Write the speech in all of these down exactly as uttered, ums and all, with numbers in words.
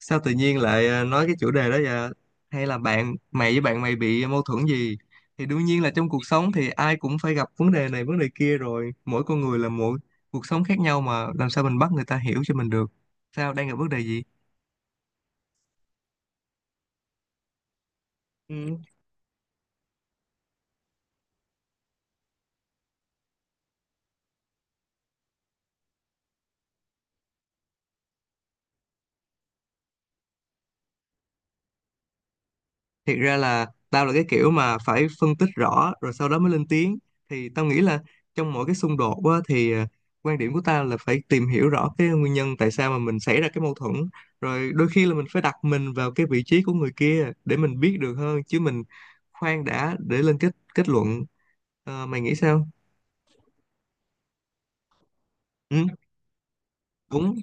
Sao tự nhiên lại ờ, nói cái chủ đề đó vậy? Hay là bạn mày với bạn mày bị mâu thuẫn gì? Thì đương nhiên là trong cuộc sống thì ai cũng phải gặp vấn đề này vấn đề kia, rồi mỗi con người là mỗi cuộc sống khác nhau, mà làm sao mình bắt người ta hiểu cho mình được. Sao, đang gặp vấn đề gì? Thiệt ra là tao là cái kiểu mà phải phân tích rõ rồi sau đó mới lên tiếng. Thì tao nghĩ là trong mỗi cái xung đột á, thì à, quan điểm của tao là phải tìm hiểu rõ cái nguyên nhân tại sao mà mình xảy ra cái mâu thuẫn, rồi đôi khi là mình phải đặt mình vào cái vị trí của người kia để mình biết được hơn, chứ mình khoan đã để lên kết kết luận Ờ, mày nghĩ sao? Ừ, đúng.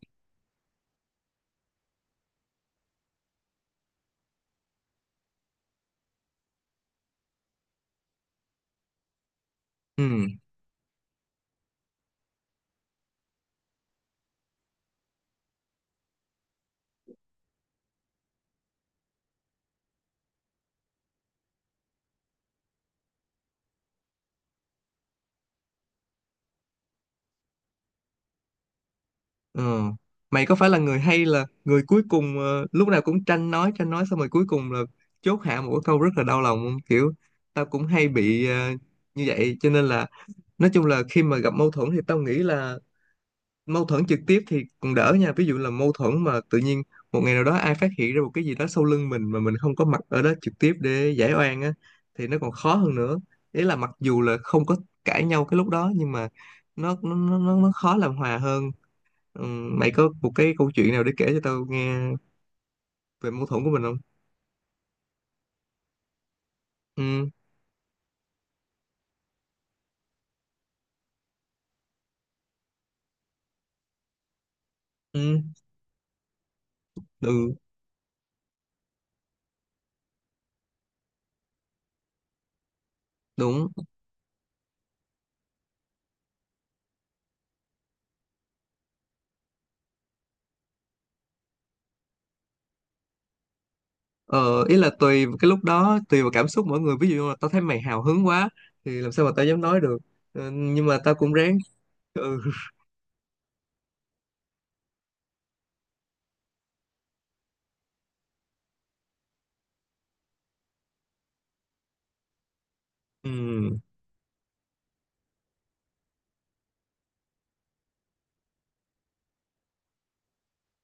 Ừ. Ờ. Mày có phải là người hay là người cuối cùng ờ, lúc nào cũng tranh nói tranh nói, xong rồi cuối cùng là chốt hạ một cái câu rất là đau lòng không? Kiểu tao cũng hay bị ờ, như vậy, cho nên là nói chung là khi mà gặp mâu thuẫn thì tao nghĩ là mâu thuẫn trực tiếp thì còn đỡ nha. Ví dụ là mâu thuẫn mà tự nhiên một ngày nào đó ai phát hiện ra một cái gì đó sau lưng mình mà mình không có mặt ở đó trực tiếp để giải oan á, thì nó còn khó hơn nữa. Ý là mặc dù là không có cãi nhau cái lúc đó nhưng mà nó nó nó nó nó khó làm hòa hơn. Ừ, mày có một cái câu chuyện nào để kể cho tao nghe về mâu thuẫn của mình không? Ừ, ừ, ừ, đúng. Ờ, ý là tùy vào cái lúc đó, tùy vào cảm xúc mỗi người. Ví dụ như là tao thấy mày hào hứng quá, thì làm sao mà tao dám nói được. Ờ, nhưng mà tao cũng ráng. Ừ, ừ,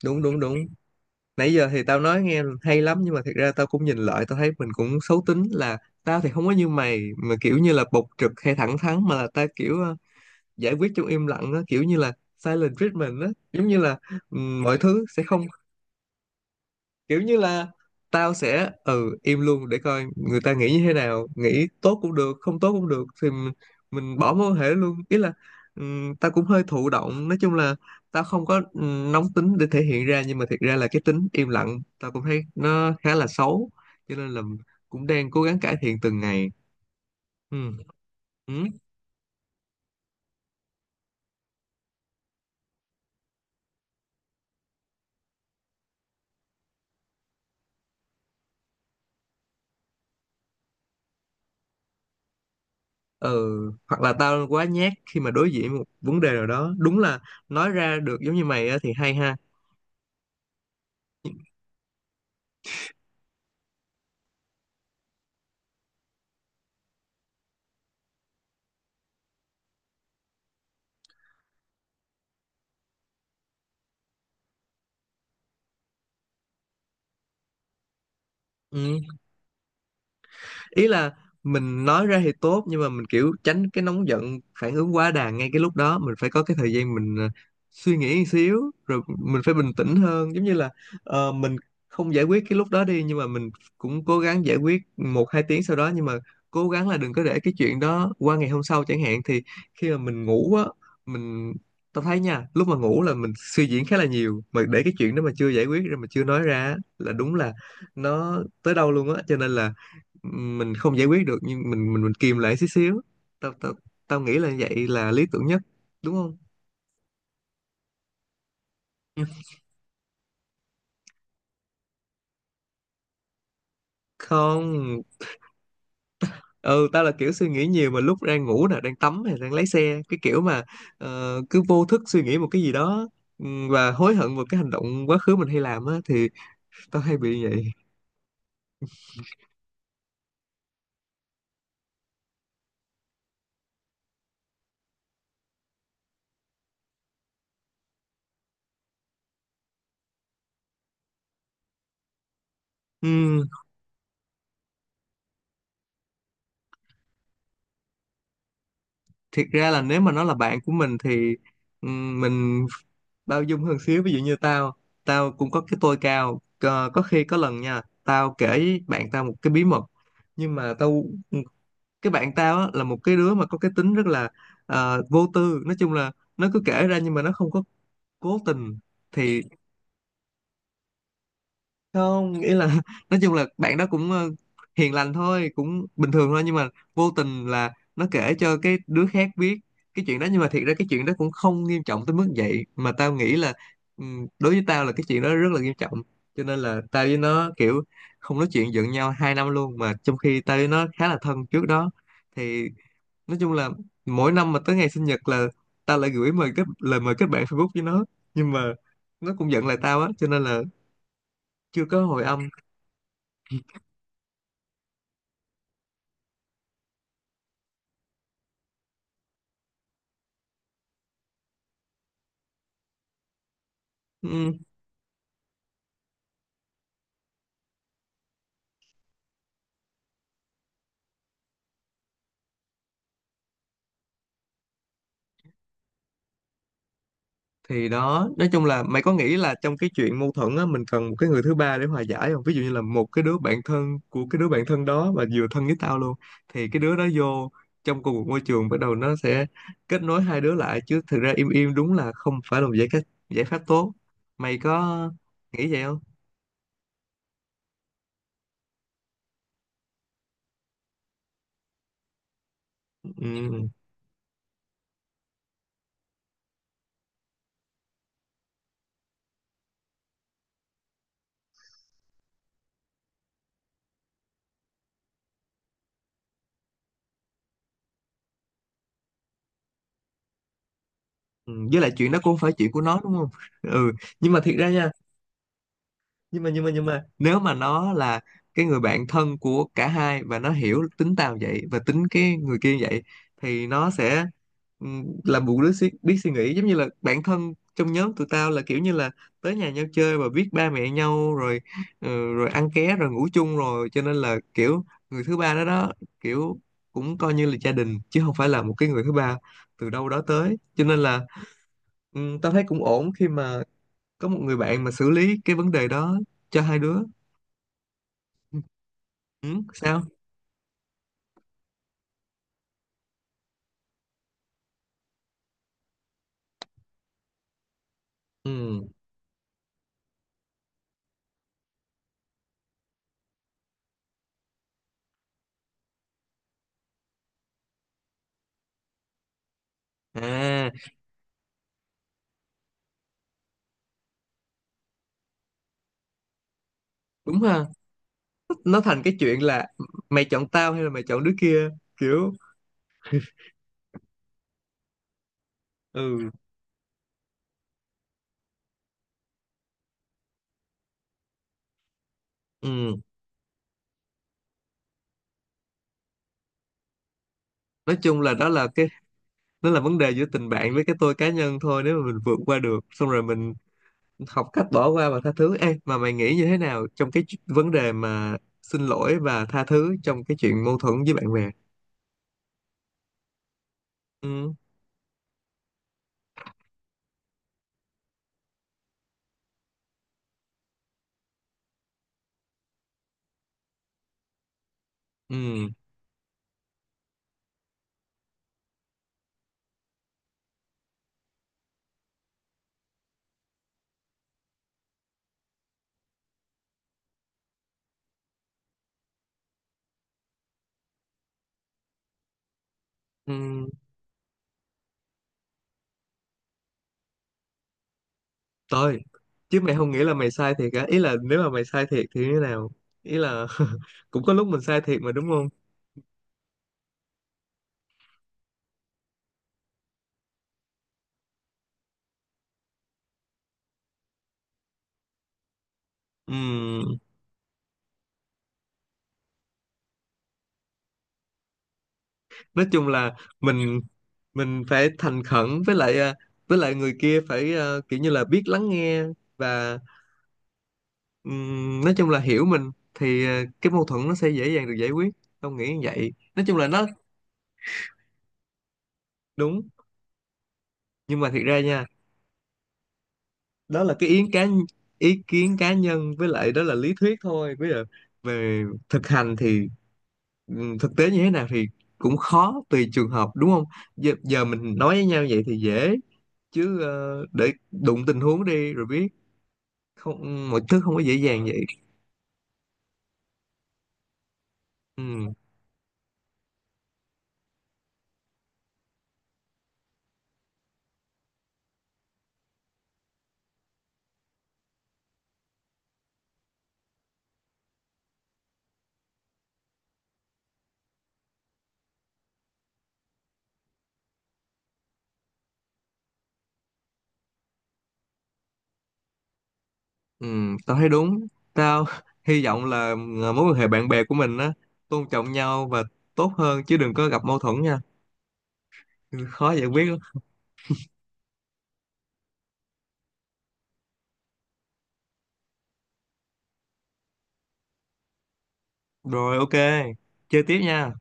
đúng, đúng, đúng. Nãy giờ thì tao nói nghe hay lắm, nhưng mà thật ra tao cũng nhìn lại, tao thấy mình cũng xấu tính, là tao thì không có như mày, mà kiểu như là bộc trực hay thẳng thắn, mà là tao kiểu ờ, giải quyết trong im lặng á, kiểu như là silent treatment á, giống như là ừ, mọi thứ sẽ không, kiểu như là tao sẽ ừ im luôn để coi người ta nghĩ như thế nào, nghĩ tốt cũng được, không tốt cũng được, thì mình, mình bỏ mối quan hệ luôn. Ý là ừm, tao cũng hơi thụ động, nói chung là tao không có ừm, nóng tính để thể hiện ra, nhưng mà thiệt ra là cái tính im lặng tao cũng thấy nó khá là xấu, cho nên là cũng đang cố gắng cải thiện từng ngày. Ừ, ừ, ừ. Hoặc là tao quá nhát khi mà đối diện một vấn đề nào đó, đúng là nói ra được giống như mày á thì hay ha. Ừ, ý là mình nói ra thì tốt, nhưng mà mình kiểu tránh cái nóng giận phản ứng quá đà ngay cái lúc đó, mình phải có cái thời gian mình ờ, suy nghĩ một xíu rồi mình phải bình tĩnh hơn, giống như là ờ, mình không giải quyết cái lúc đó đi nhưng mà mình cũng cố gắng giải quyết một hai tiếng sau đó, nhưng mà cố gắng là đừng có để cái chuyện đó qua ngày hôm sau chẳng hạn. Thì khi mà mình ngủ á, mình tao thấy nha, lúc mà ngủ là mình suy diễn khá là nhiều, mà để cái chuyện đó mà chưa giải quyết rồi mà chưa nói ra á, là đúng là nó tới đâu luôn á, cho nên là mình không giải quyết được nhưng mình mình mình kìm lại xíu xíu. Tao tao tao nghĩ là vậy là lý tưởng nhất, đúng không? Không. Ừ, tao là kiểu suy nghĩ nhiều mà lúc đang ngủ nè, đang tắm hay đang lái xe, cái kiểu mà ờ, cứ vô thức suy nghĩ một cái gì đó, ừm, và hối hận một cái hành động quá khứ mình hay làm á, thì tao hay bị vậy. Ừm, Thiệt ra là nếu mà nó là bạn của mình thì ừm, mình bao dung hơn xíu. Ví dụ như tao, tao cũng có cái tôi cao Ờ, có khi có lần nha, tao kể với bạn tao một cái bí mật, nhưng mà tao cái bạn tao á, là một cái đứa mà có cái tính rất là ờ, vô tư, nói chung là nó cứ kể ra nhưng mà nó không có cố tình. Thì không nghĩa là nói chung là bạn đó cũng ờ, hiền lành thôi, cũng bình thường thôi, nhưng mà vô tình là nó kể cho cái đứa khác biết cái chuyện đó, nhưng mà thiệt ra cái chuyện đó cũng không nghiêm trọng tới mức vậy. Mà tao nghĩ là ừm, đối với tao là cái chuyện đó rất là nghiêm trọng, cho nên là tao với nó kiểu không nói chuyện, giận nhau hai năm luôn, mà trong khi tao với nó khá là thân trước đó. Thì nói chung là mỗi năm mà tới ngày sinh nhật là tao lại gửi mời kết lời mời kết bạn Facebook với nó, nhưng mà nó cũng giận lại tao á, cho nên là chưa có hồi âm. Ừ, thì đó, nói chung là mày có nghĩ là trong cái chuyện mâu thuẫn á, mình cần một cái người thứ ba để hòa giải không? Ví dụ như là một cái đứa bạn thân của cái đứa bạn thân đó mà vừa thân với tao luôn, thì cái đứa đó vô trong cùng một môi trường, bắt đầu nó sẽ kết nối hai đứa lại. Chứ thực ra im im đúng là không phải là một giải cách giải pháp tốt. Mày có nghĩ vậy không? Ừ. Ừ, với lại chuyện đó cũng không phải chuyện của nó đúng không? Ừ, nhưng mà thiệt ra nha, nhưng mà nhưng mà nhưng mà nếu mà nó là cái người bạn thân của cả hai, và nó hiểu tính tao vậy và tính cái người kia vậy, thì nó sẽ ừm, làm một đứa suy, biết suy nghĩ. Giống như là bạn thân trong nhóm tụi tao là kiểu như là tới nhà nhau chơi và biết ba mẹ nhau rồi, ừ, rồi ăn ké rồi ngủ chung rồi, cho nên là kiểu người thứ ba đó đó, kiểu cũng coi như là gia đình chứ không phải là một cái người thứ ba từ đâu đó tới. Cho nên là ừm, tao thấy cũng ổn khi mà có một người bạn mà xử lý cái vấn đề đó cho hai đứa. Ừ, sao? Ừ. À, đúng ha. Nó thành cái chuyện là mày chọn tao hay là mày chọn đứa kia, kiểu. Ừ, ừ, nói chung là đó là cái đó là vấn đề giữa tình bạn với cái tôi cá nhân thôi. Nếu mà mình vượt qua được xong rồi mình học cách bỏ qua và tha thứ. Ê, mà mày nghĩ như thế nào trong cái chu- vấn đề mà xin lỗi và tha thứ trong cái chuyện mâu thuẫn với bạn bè? Ừ, ừ, ừ. Tôi Chứ mày không nghĩ là mày sai thiệt á? Ý là nếu mà mày sai thiệt thì như thế nào? Ý là cũng có lúc mình sai thiệt mà đúng không? Ừm, nói chung là mình mình phải thành khẩn, với lại à, với lại người kia phải à, kiểu như là biết lắng nghe và ừm, nói chung là hiểu mình thì à, cái mâu thuẫn nó sẽ dễ dàng được giải quyết, không nghĩ như vậy, nói chung là nó đúng. Nhưng mà thiệt ra nha, đó là cái ý kiến, ý kiến cá nhân. Với lại đó là lý thuyết thôi, bây giờ về thực hành thì ừm, thực tế như thế nào thì cũng khó, tùy trường hợp đúng không? Giờ, giờ mình nói với nhau vậy thì dễ, chứ ờ, để đụng tình huống đi rồi biết, không mọi thứ không có dễ dàng vậy. Ừ, ừ, tao thấy đúng. Tao hy vọng là ờ, mối quan hệ bạn bè của mình á tôn trọng nhau và tốt hơn, chứ đừng có gặp mâu thuẫn nha. Ừ, khó giải quyết lắm. Rồi, OK, chơi tiếp nha.